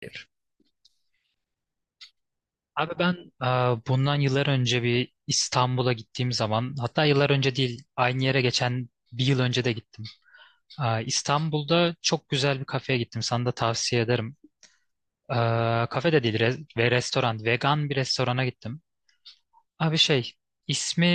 Hayır. Abi ben, e, bundan yıllar önce bir İstanbul'a gittiğim zaman, hatta yıllar önce değil, aynı yere geçen bir yıl önce de gittim. İstanbul'da çok güzel bir kafeye gittim. Sana da tavsiye ederim. E, Kafe de değil, ve restoran. Vegan bir restorana gittim. Abi şey, ismi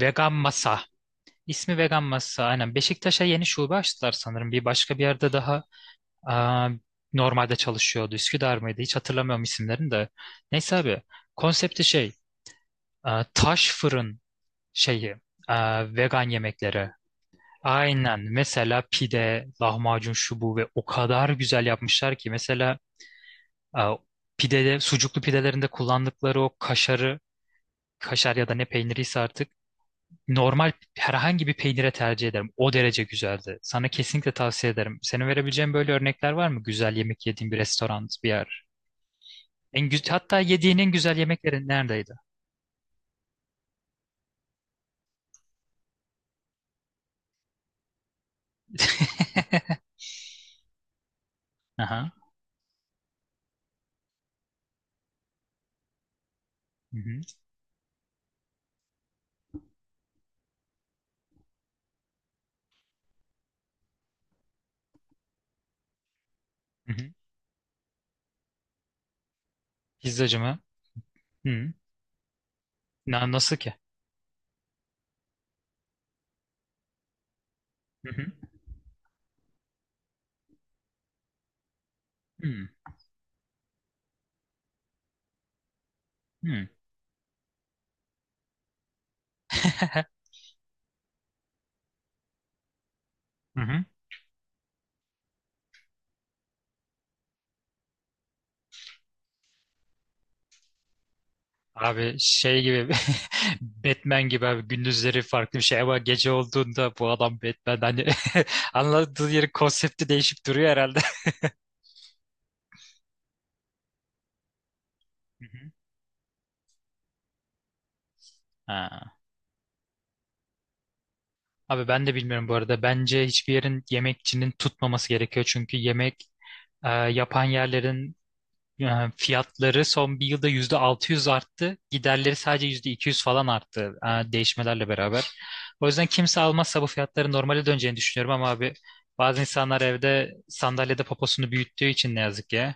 Vegan Masa. İsmi Vegan Masa. Aynen, Beşiktaş'a yeni şube açtılar sanırım. Bir başka bir yerde daha e, normalde çalışıyordu. Üsküdar mıydı? Hiç hatırlamıyorum isimlerini de. Neyse abi. Konsepti şey. Taş fırın şeyi, e, vegan yemekleri. Aynen. Mesela pide, lahmacun, şu bu, ve o kadar güzel yapmışlar ki, mesela e, pidede, sucuklu pidelerinde kullandıkları o kaşarı, kaşar ya da ne peyniriyse artık, normal herhangi bir peynire tercih ederim. O derece güzeldi. Sana kesinlikle tavsiye ederim. Senin verebileceğin böyle örnekler var mı? Güzel yemek yediğin bir restoran, bir yer. En güzel, hatta yediğin en güzel yemekleri neredeydi? Aha. Hı hı. Hı hı. Pizzacı mı? Hı. Nasıl ki? Hı hı. Hı hı. Hı hı. Abi şey gibi, Batman gibi abi, gündüzleri farklı bir şey ama gece olduğunda bu adam Batman, hani anladığı yeri, konsepti değişip duruyor herhalde. Hı hı. Ha. Abi ben de bilmiyorum bu arada. Bence hiçbir yerin, yemekçinin tutmaması gerekiyor. Çünkü yemek yapan yerlerin, yani fiyatları son bir yılda %600 arttı. Giderleri sadece %200 falan arttı, değişmelerle beraber. O yüzden kimse almazsa bu fiyatların normale döneceğini düşünüyorum, ama abi bazı insanlar evde sandalyede poposunu büyüttüğü için, ne yazık ki.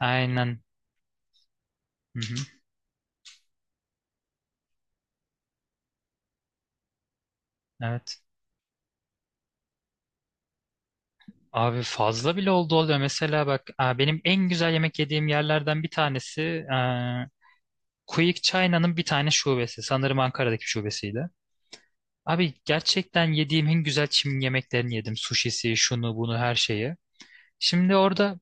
Aynen. Hı-hı. Evet. Abi fazla bile oldu, oluyor. Mesela bak, benim en güzel yemek yediğim yerlerden bir tanesi, Quick China'nın bir tane şubesi. Sanırım Ankara'daki şubesiydi. Abi gerçekten yediğim en güzel Çin yemeklerini yedim. Sushisi, şunu bunu, her şeyi. Şimdi orada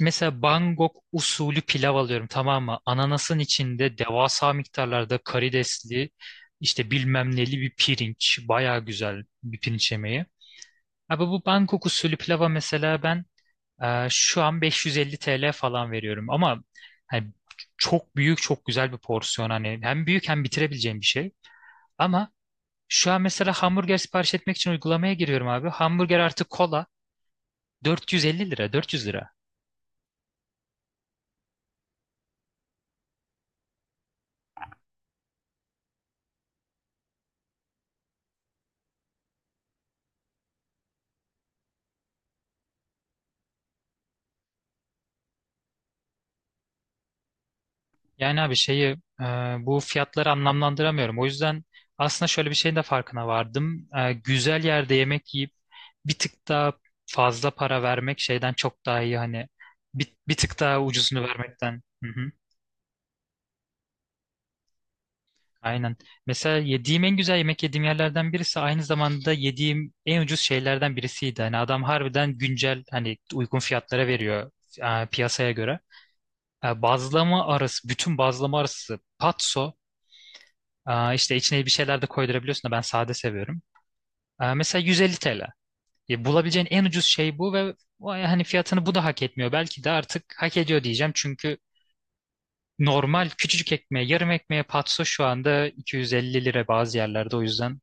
mesela Bangkok usulü pilav alıyorum, tamam mı? Ananasın içinde devasa miktarlarda karidesli, işte bilmem neli bir pirinç. Baya güzel bir pirinç yemeği. Abi bu Bangkok usulü pilava mesela ben şu an 550 TL falan veriyorum. Ama hani çok büyük, çok güzel bir porsiyon, hani hem büyük, hem bitirebileceğim bir şey. Ama şu an mesela hamburger sipariş etmek için uygulamaya giriyorum abi. Hamburger artı kola 450 lira, 400 lira. Yani abi şeyi, bu fiyatları anlamlandıramıyorum. O yüzden aslında şöyle bir şeyin de farkına vardım. Güzel yerde yemek yiyip bir tık daha fazla para vermek şeyden çok daha iyi, hani bir tık daha ucuzunu vermekten. Aynen. Mesela yediğim en güzel yemek yediğim yerlerden birisi aynı zamanda yediğim en ucuz şeylerden birisiydi. Hani adam harbiden güncel, hani uygun fiyatlara veriyor, piyasaya göre. Bazlama arası, bütün bazlama arası patso, işte içine bir şeyler de koydurabiliyorsun da ben sade seviyorum. Mesela 150 TL. Bulabileceğin en ucuz şey bu, ve vay, hani fiyatını bu da hak etmiyor. Belki de artık hak ediyor diyeceğim, çünkü normal küçücük ekmeğe, yarım ekmeğe, patso şu anda 250 lira bazı yerlerde, o yüzden.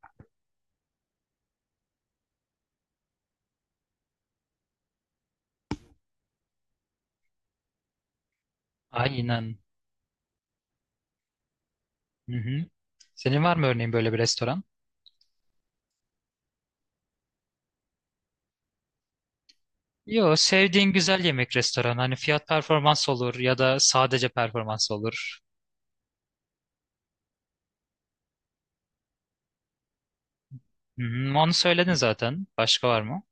Aynen. Hı hı. Senin var mı örneğin böyle bir restoran? Yo, sevdiğin güzel yemek restoranı. Hani fiyat performans olur ya da sadece performans olur. Hı hı. Onu söyledin zaten. Başka var mı?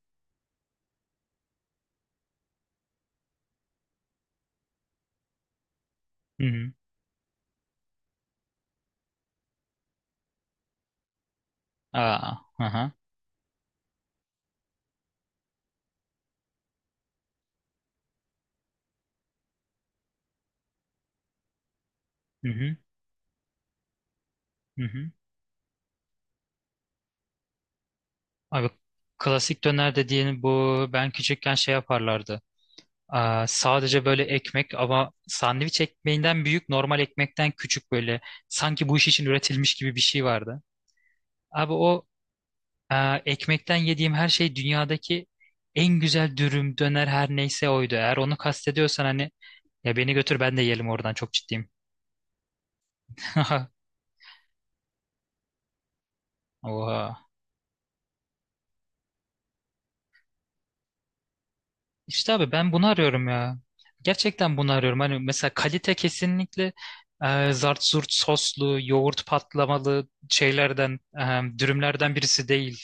Hı hı. Aa, hı hı. Hı hı. Hı hı. Abi klasik döner dediğin bu, ben küçükken şey yaparlardı. Aa, sadece böyle ekmek ama sandviç ekmeğinden büyük, normal ekmekten küçük, böyle sanki bu iş için üretilmiş gibi bir şey vardı. Abi o. Ee, Ekmekten yediğim her şey, dünyadaki en güzel dürüm, döner her neyse oydu. Eğer onu kastediyorsan, hani ya beni götür ben de yiyelim oradan, çok ciddiyim. Oha. İşte abi ben bunu arıyorum ya. Gerçekten bunu arıyorum. Hani mesela kalite kesinlikle zart zurt soslu, yoğurt patlamalı şeylerden, dürümlerden birisi değil.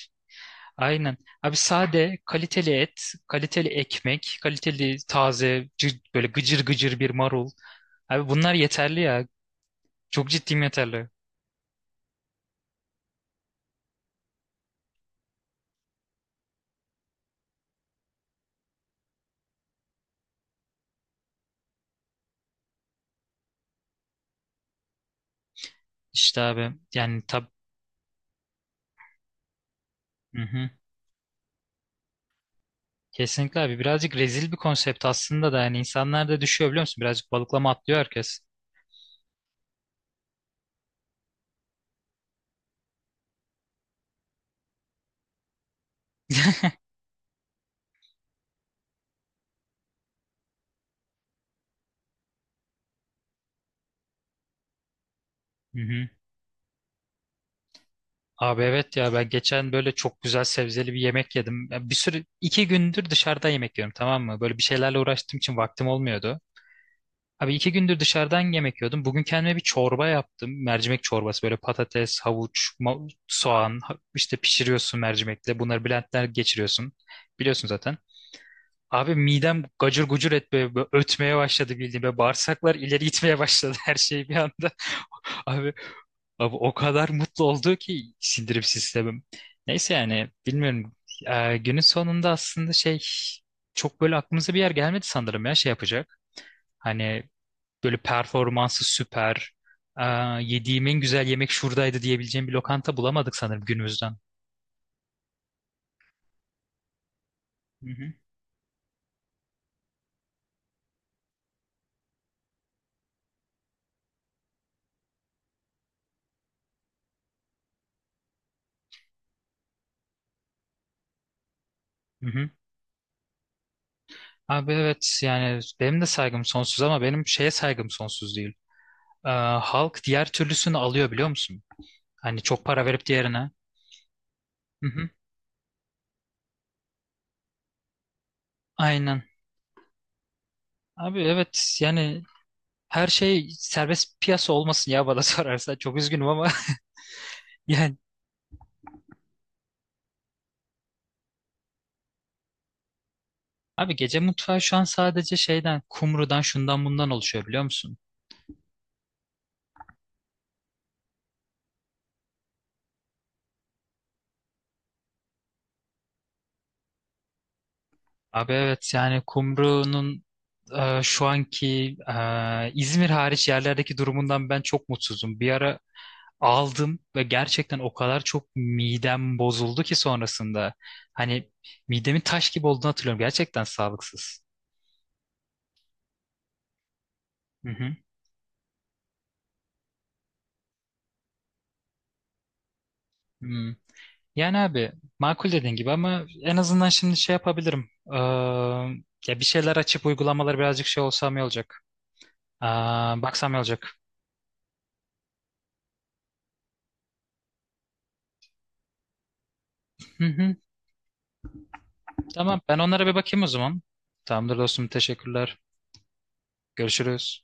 Aynen. Abi sade, kaliteli et, kaliteli ekmek, kaliteli taze, böyle gıcır gıcır bir marul. Abi bunlar yeterli ya. Çok ciddiyim, yeterli. İşte abi yani hı hı. Kesinlikle abi, birazcık rezil bir konsept aslında da, yani insanlar da düşüyor biliyor musun? Birazcık balıklama atlıyor herkes. Hı hı. Abi evet ya, ben geçen böyle çok güzel sebzeli bir yemek yedim. Ya, bir sürü, iki gündür dışarıda yemek yiyorum, tamam mı? Böyle bir şeylerle uğraştığım için vaktim olmuyordu. Abi iki gündür dışarıdan yemek yiyordum. Bugün kendime bir çorba yaptım. Mercimek çorbası, böyle patates, havuç, soğan, işte pişiriyorsun mercimekle. Bunları blendler geçiriyorsun. Biliyorsun zaten. Abi midem gacır gucur etmeye, böyle ötmeye başladı bildiğim. Böyle bağırsaklar ileri gitmeye başladı, her şey bir anda. Abi, abi o kadar mutlu oldu ki sindirim sistemim. Neyse, yani bilmiyorum. Günün sonunda aslında şey, çok böyle aklımıza bir yer gelmedi sanırım ya, şey yapacak. Hani böyle performansı süper. Ee, Yediğim en güzel yemek şuradaydı diyebileceğim bir lokanta bulamadık sanırım günümüzden. Hı hı. Hı hı. Abi evet yani benim de saygım sonsuz, ama benim şeye saygım sonsuz değil. Ee, Halk diğer türlüsünü alıyor biliyor musun? Hani çok para verip diğerine. Hı hı. Aynen. Abi evet yani her şey serbest piyasa olmasın ya, bana sorarsan. Çok üzgünüm ama yani. Abi gece mutfağı şu an sadece şeyden, kumrudan, şundan bundan oluşuyor, biliyor musun? Abi evet yani Kumru'nun şu anki, İzmir hariç yerlerdeki durumundan ben çok mutsuzum. Bir ara aldım ve gerçekten o kadar çok midem bozuldu ki sonrasında. Hani midemin taş gibi olduğunu hatırlıyorum. Gerçekten sağlıksız. Hı hı. Hmm. Yani abi makul, dediğin gibi, ama en azından şimdi şey yapabilirim. Ya bir şeyler açıp uygulamaları birazcık şey olsam iyi olacak. Aa, baksam iyi olacak. Hı hı. Tamam, ben onlara bir bakayım o zaman. Tamamdır dostum, teşekkürler. Görüşürüz.